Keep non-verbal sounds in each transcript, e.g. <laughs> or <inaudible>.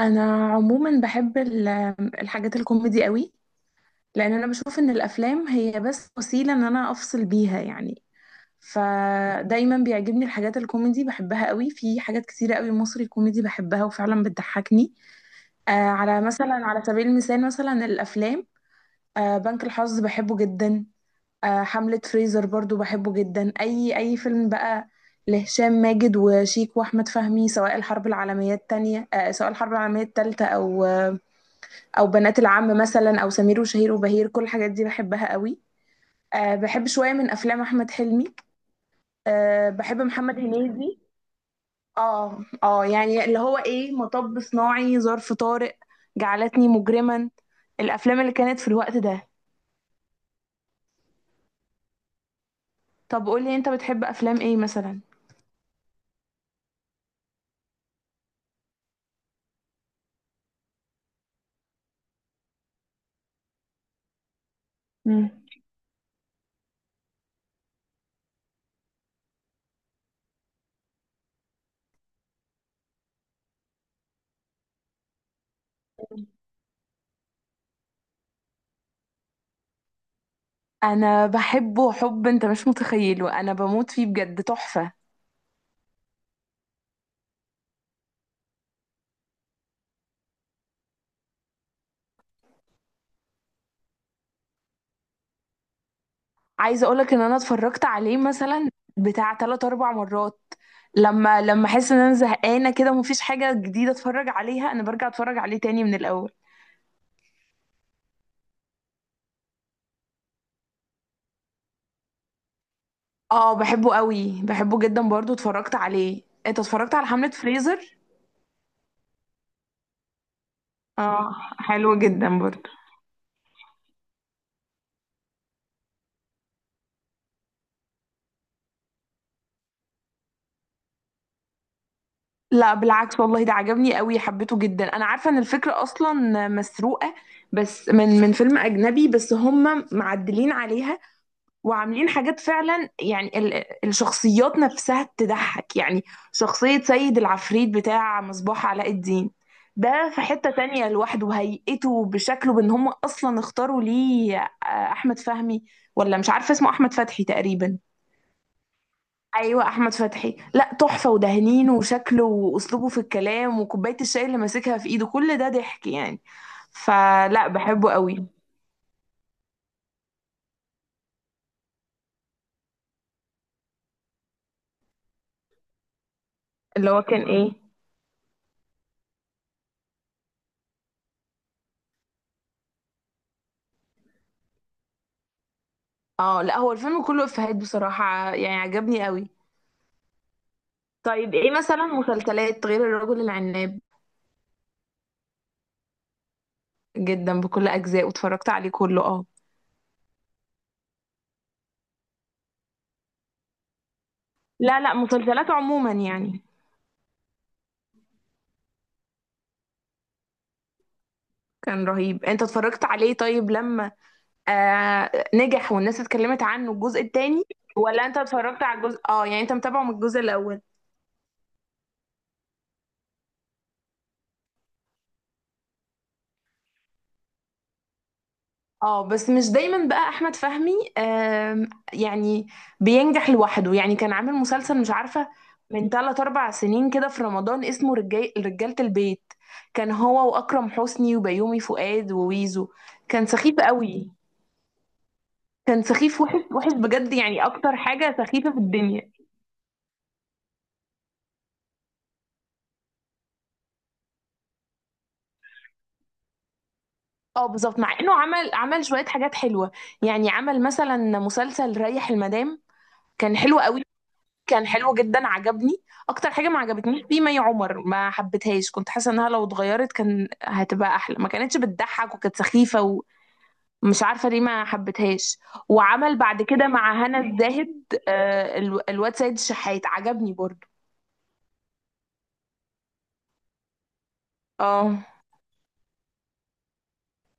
انا عموما بحب ال- الحاجات الكوميدي قوي. لان انا بشوف ان الافلام هي بس وسيله ان انا افصل بيها يعني. فدايما بيعجبني الحاجات الكوميدي، بحبها قوي. في حاجات كتيره قوي مصري كوميدي بحبها وفعلا بتضحكني. على مثلا على سبيل المثال مثلا الافلام. بنك الحظ بحبه جدا. حملة فريزر برضو بحبه جدا. اي فيلم بقى لهشام ماجد وشيك واحمد فهمي، سواء الحرب العالميه التانية، سواء الحرب العالميه التالتة، او او بنات العم مثلا، او سمير وشهير وبهير. كل الحاجات دي بحبها قوي. بحب شويه من افلام احمد حلمي. بحب محمد هنيدي. اه يعني اللي هو ايه، مطب صناعي، ظرف طارق، جعلتني مجرما. الافلام اللي كانت في الوقت ده. طب قولي، انت بتحب افلام ايه مثلا؟ مم. انا بحبه حب انت مش متخيله، انا بموت فيه بجد، تحفه. عايزه اقولك ان انا اتفرجت عليه مثلا بتاع 3 4 مرات. لما احس ان انا زهقانه كده ومفيش حاجه جديده اتفرج عليها، انا برجع اتفرج عليه تاني من الاول. اه بحبه قوي، بحبه جدا برضو اتفرجت عليه. انت اتفرجت على حملة فريزر؟ اه حلو جدا برضو. لا بالعكس والله ده عجبني قوي، حبيته جدا. انا عارفه ان الفكره اصلا مسروقه بس من فيلم اجنبي، بس هم معدلين عليها وعاملين حاجات فعلا. يعني ال- الشخصيات نفسها تضحك يعني. شخصية سيد العفريت بتاع مصباح علاء الدين، ده في حتة تانية لوحده، هيئته بشكله، بان هم اصلا اختاروا ليه احمد فهمي، ولا مش عارفة اسمه احمد فتحي تقريبا. ايوه احمد فتحي، لا تحفة، ودهنينه وشكله واسلوبه في الكلام وكوباية الشاي اللي ماسكها في ايده، كل ده ضحك يعني. فلا بحبه قوي. اللي هو كان ايه؟ اه لا هو الفيلم كله افيهات بصراحة، يعني عجبني قوي. طيب ايه مثلا مسلسلات غير الرجل العناب؟ جدا بكل اجزاء، واتفرجت عليه كله، اه. لا لا مسلسلات عموما يعني. كان رهيب، انت اتفرجت عليه؟ طيب لما نجح والناس اتكلمت عنه، الجزء التاني؟ ولا انت اتفرجت على الجزء، اه يعني انت متابعه من الجزء الاول؟ اه بس مش دايما بقى احمد فهمي يعني بينجح لوحده. يعني كان عامل مسلسل مش عارفه من 3 4 سنين كده في رمضان اسمه رجال رجاله البيت، كان هو واكرم حسني وبيومي فؤاد وويزو. كان سخيف قوي. كان سخيف وحش وحش بجد، يعني اكتر حاجه سخيفه في الدنيا. اه بالظبط. مع انه عمل شويه حاجات حلوه يعني. عمل مثلا مسلسل ريح المدام، كان حلو قوي، كان حلو جدا عجبني. اكتر حاجه ما عجبتنيش فيه مي عمر، ما حبيتهاش، كنت حاسه انها لو اتغيرت كان هتبقى احلى، ما كانتش بتضحك وكانت سخيفه، ومش عارفه ليه ما حبيتهاش. وعمل بعد كده مع هنا الزاهد، ال- الواد سيد الشحات، عجبني برضو. اه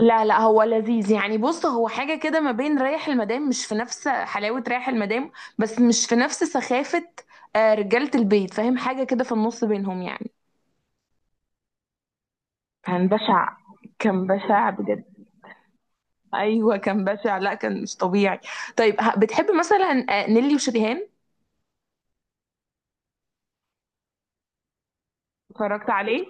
لا لا هو لذيذ يعني. بص هو حاجه كده ما بين رايح المدام، مش في نفس حلاوه رايح المدام بس مش في نفس سخافه رجاله البيت. فاهم؟ حاجه كده في النص بينهم يعني. كان بشع، كان بشع بجد. ايوه كان بشع، لا كان مش طبيعي. طيب بتحب مثلا نيلي وشريهان؟ اتفرجت عليه،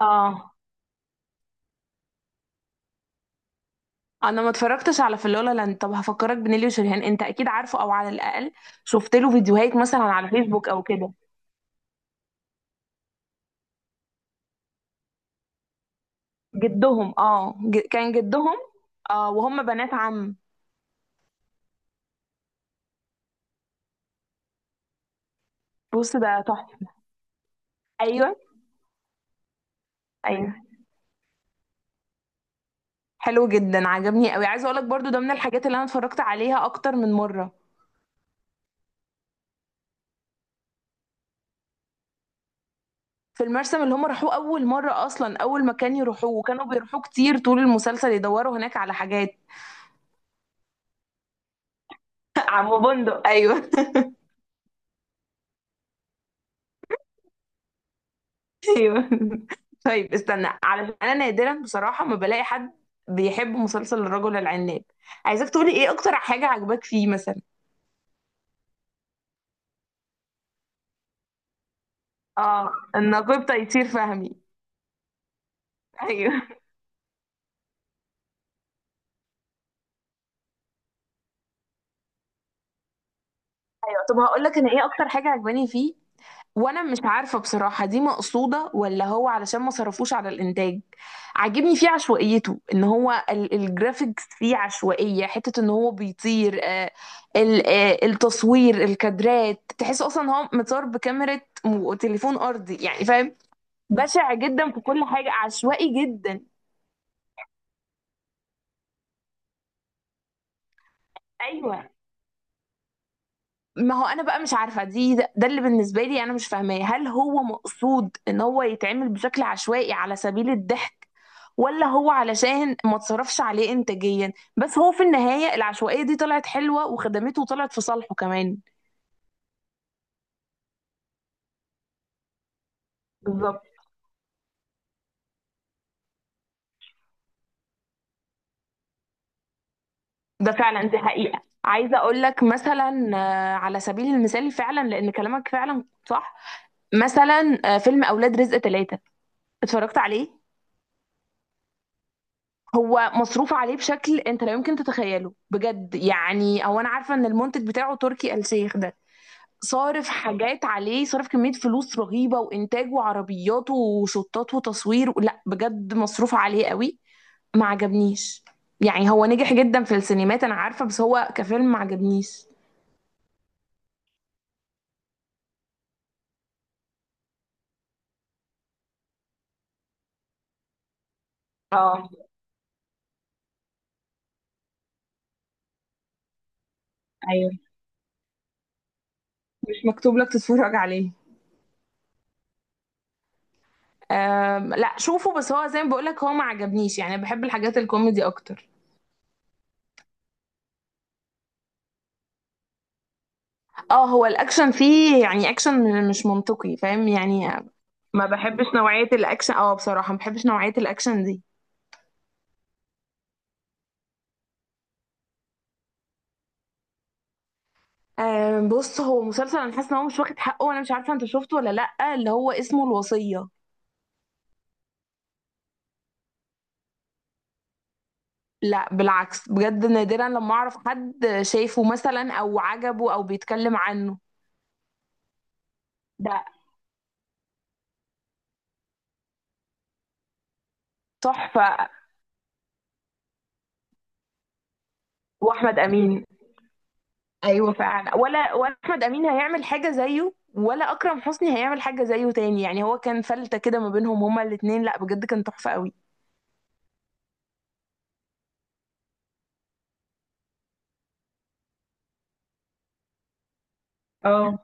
اه. انا ما اتفرجتش على في لا لاند. طب هفكرك بنيلي وشريهان، انت اكيد عارفه او على الاقل شفت له فيديوهات مثلا على فيسبوك او كده. جدهم، اه كان جدهم، اه، وهم بنات عم. بص ده تحفه. ايوه ايوه، حلو جدا عجبني قوي. عايزه اقول لك برضو ده من الحاجات اللي انا اتفرجت عليها اكتر من مره. في المرسم اللي هم راحوه أول مرة، أصلا أول مكان يروحوه وكانوا بيروحوه كتير طول المسلسل، يدوروا هناك على حاجات. <laughs> عم بندق، أيوه. <laughs> أيوه. طيب استنى، على أنا نادرا بصراحة ما بلاقي حد بيحب مسلسل الرجل العناب. عايزاك تقولي إيه أكتر حاجة عجباك فيه مثلا. اه النقيب تيسير فهمي. أيوه <laughs> أيوه. طب هقول لك أنا إيه أكتر حاجة عجباني فيه. وانا مش عارفه بصراحه دي مقصوده ولا هو علشان ما صرفوش على الانتاج. عاجبني فيه عشوائيته، ان هو الجرافيكس فيه عشوائيه، حته ان هو بيطير، التصوير، الكادرات، تحس اصلا هو متصور بكاميرا تليفون ارضي يعني. فاهم؟ بشع جدا، في كل حاجه عشوائي جدا. ايوه. ما هو انا بقى مش عارفه، دي ده اللي بالنسبه لي انا مش فاهماه، هل هو مقصود ان هو يتعمل بشكل عشوائي على سبيل الضحك ولا هو علشان ما تصرفش عليه انتاجيا؟ بس هو في النهايه العشوائيه دي طلعت حلوه وخدمته وطلعت في صالحه كمان. بالظبط. ده فعلا، دي حقيقة. عايزة أقول لك مثلا على سبيل المثال، فعلا لأن كلامك فعلا صح. مثلا فيلم أولاد رزق ثلاثة، اتفرجت عليه؟ هو مصروف عليه بشكل انت لا يمكن تتخيله بجد يعني. او انا عارفه ان المنتج بتاعه تركي آل شيخ ده، صارف حاجات عليه، صارف كميه فلوس رهيبه وانتاج وعربيات وشطات وتصوير، لا بجد مصروف عليه قوي. ما عجبنيش. يعني هو نجح جدا في السينمات انا عارفه، بس هو كفيلم ما عجبنيش. اه ايوه. مش مكتوب لك تتفرج عليه. لا شوفه، بس هو زي ما بقولك هو ما عجبنيش، يعني بحب الحاجات الكوميدي اكتر. اه هو الاكشن فيه، يعني اكشن مش منطقي. فاهم يعني؟ ما بحبش نوعية الاكشن، اه بصراحة ما بحبش نوعية الاكشن دي. بص هو مسلسل انا حاسة ان هو مش واخد حقه، وانا مش عارفة انت شفته ولا لأ، اللي هو اسمه الوصية. لا بالعكس بجد، نادرا لما اعرف حد شايفه مثلا او عجبه او بيتكلم عنه. ده تحفة. واحمد امين. ايوه فعلا. ولا احمد امين هيعمل حاجة زيه ولا اكرم حسني هيعمل حاجة زيه تاني يعني. هو كان فلتة كده ما بينهم هما الاتنين، لا بجد كان تحفة قوي. اه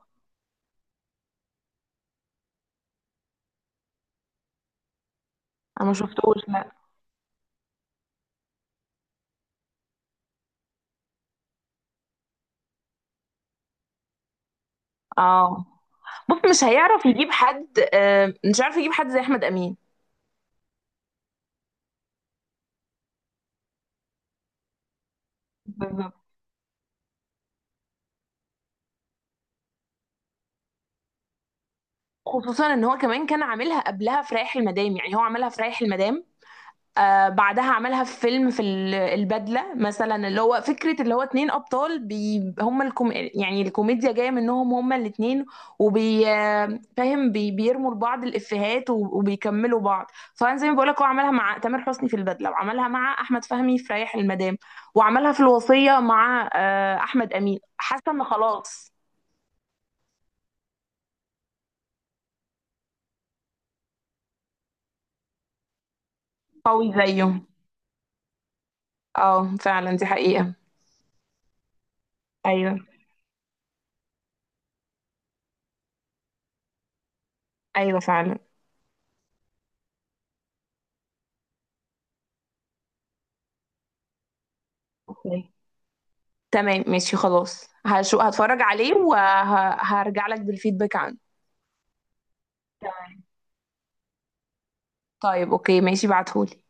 انا ما شفتوش لا. اه بص مش هيعرف يجيب حد، مش عارف يجيب حد زي احمد امين. بالظبط. خصوصا ان هو كمان كان عاملها قبلها في رايح المدام، يعني هو عملها في رايح المدام. بعدها عملها في فيلم في البدلة مثلا، اللي هو فكرة اللي هو 2 أبطال بي هم الكوم، يعني الكوميديا جاية منهم هما الاتنين، وبي فاهم، بي بيرموا لبعض الإفيهات و- وبيكملوا بعض. فأنا زي ما بقولك، هو عملها مع تامر حسني في البدلة، وعملها مع أحمد فهمي في ريح المدام، وعملها في الوصية مع أحمد أمين. حاسة إن خلاص. قوي زيه. اه فعلا، دي حقيقة. أيوه أيوه فعلا. تمام ماشي خلاص، هشو هتفرج عليه وهرجع لك بالفيدباك عنه. تمام. طيب اوكي ماشي، بعتهولي.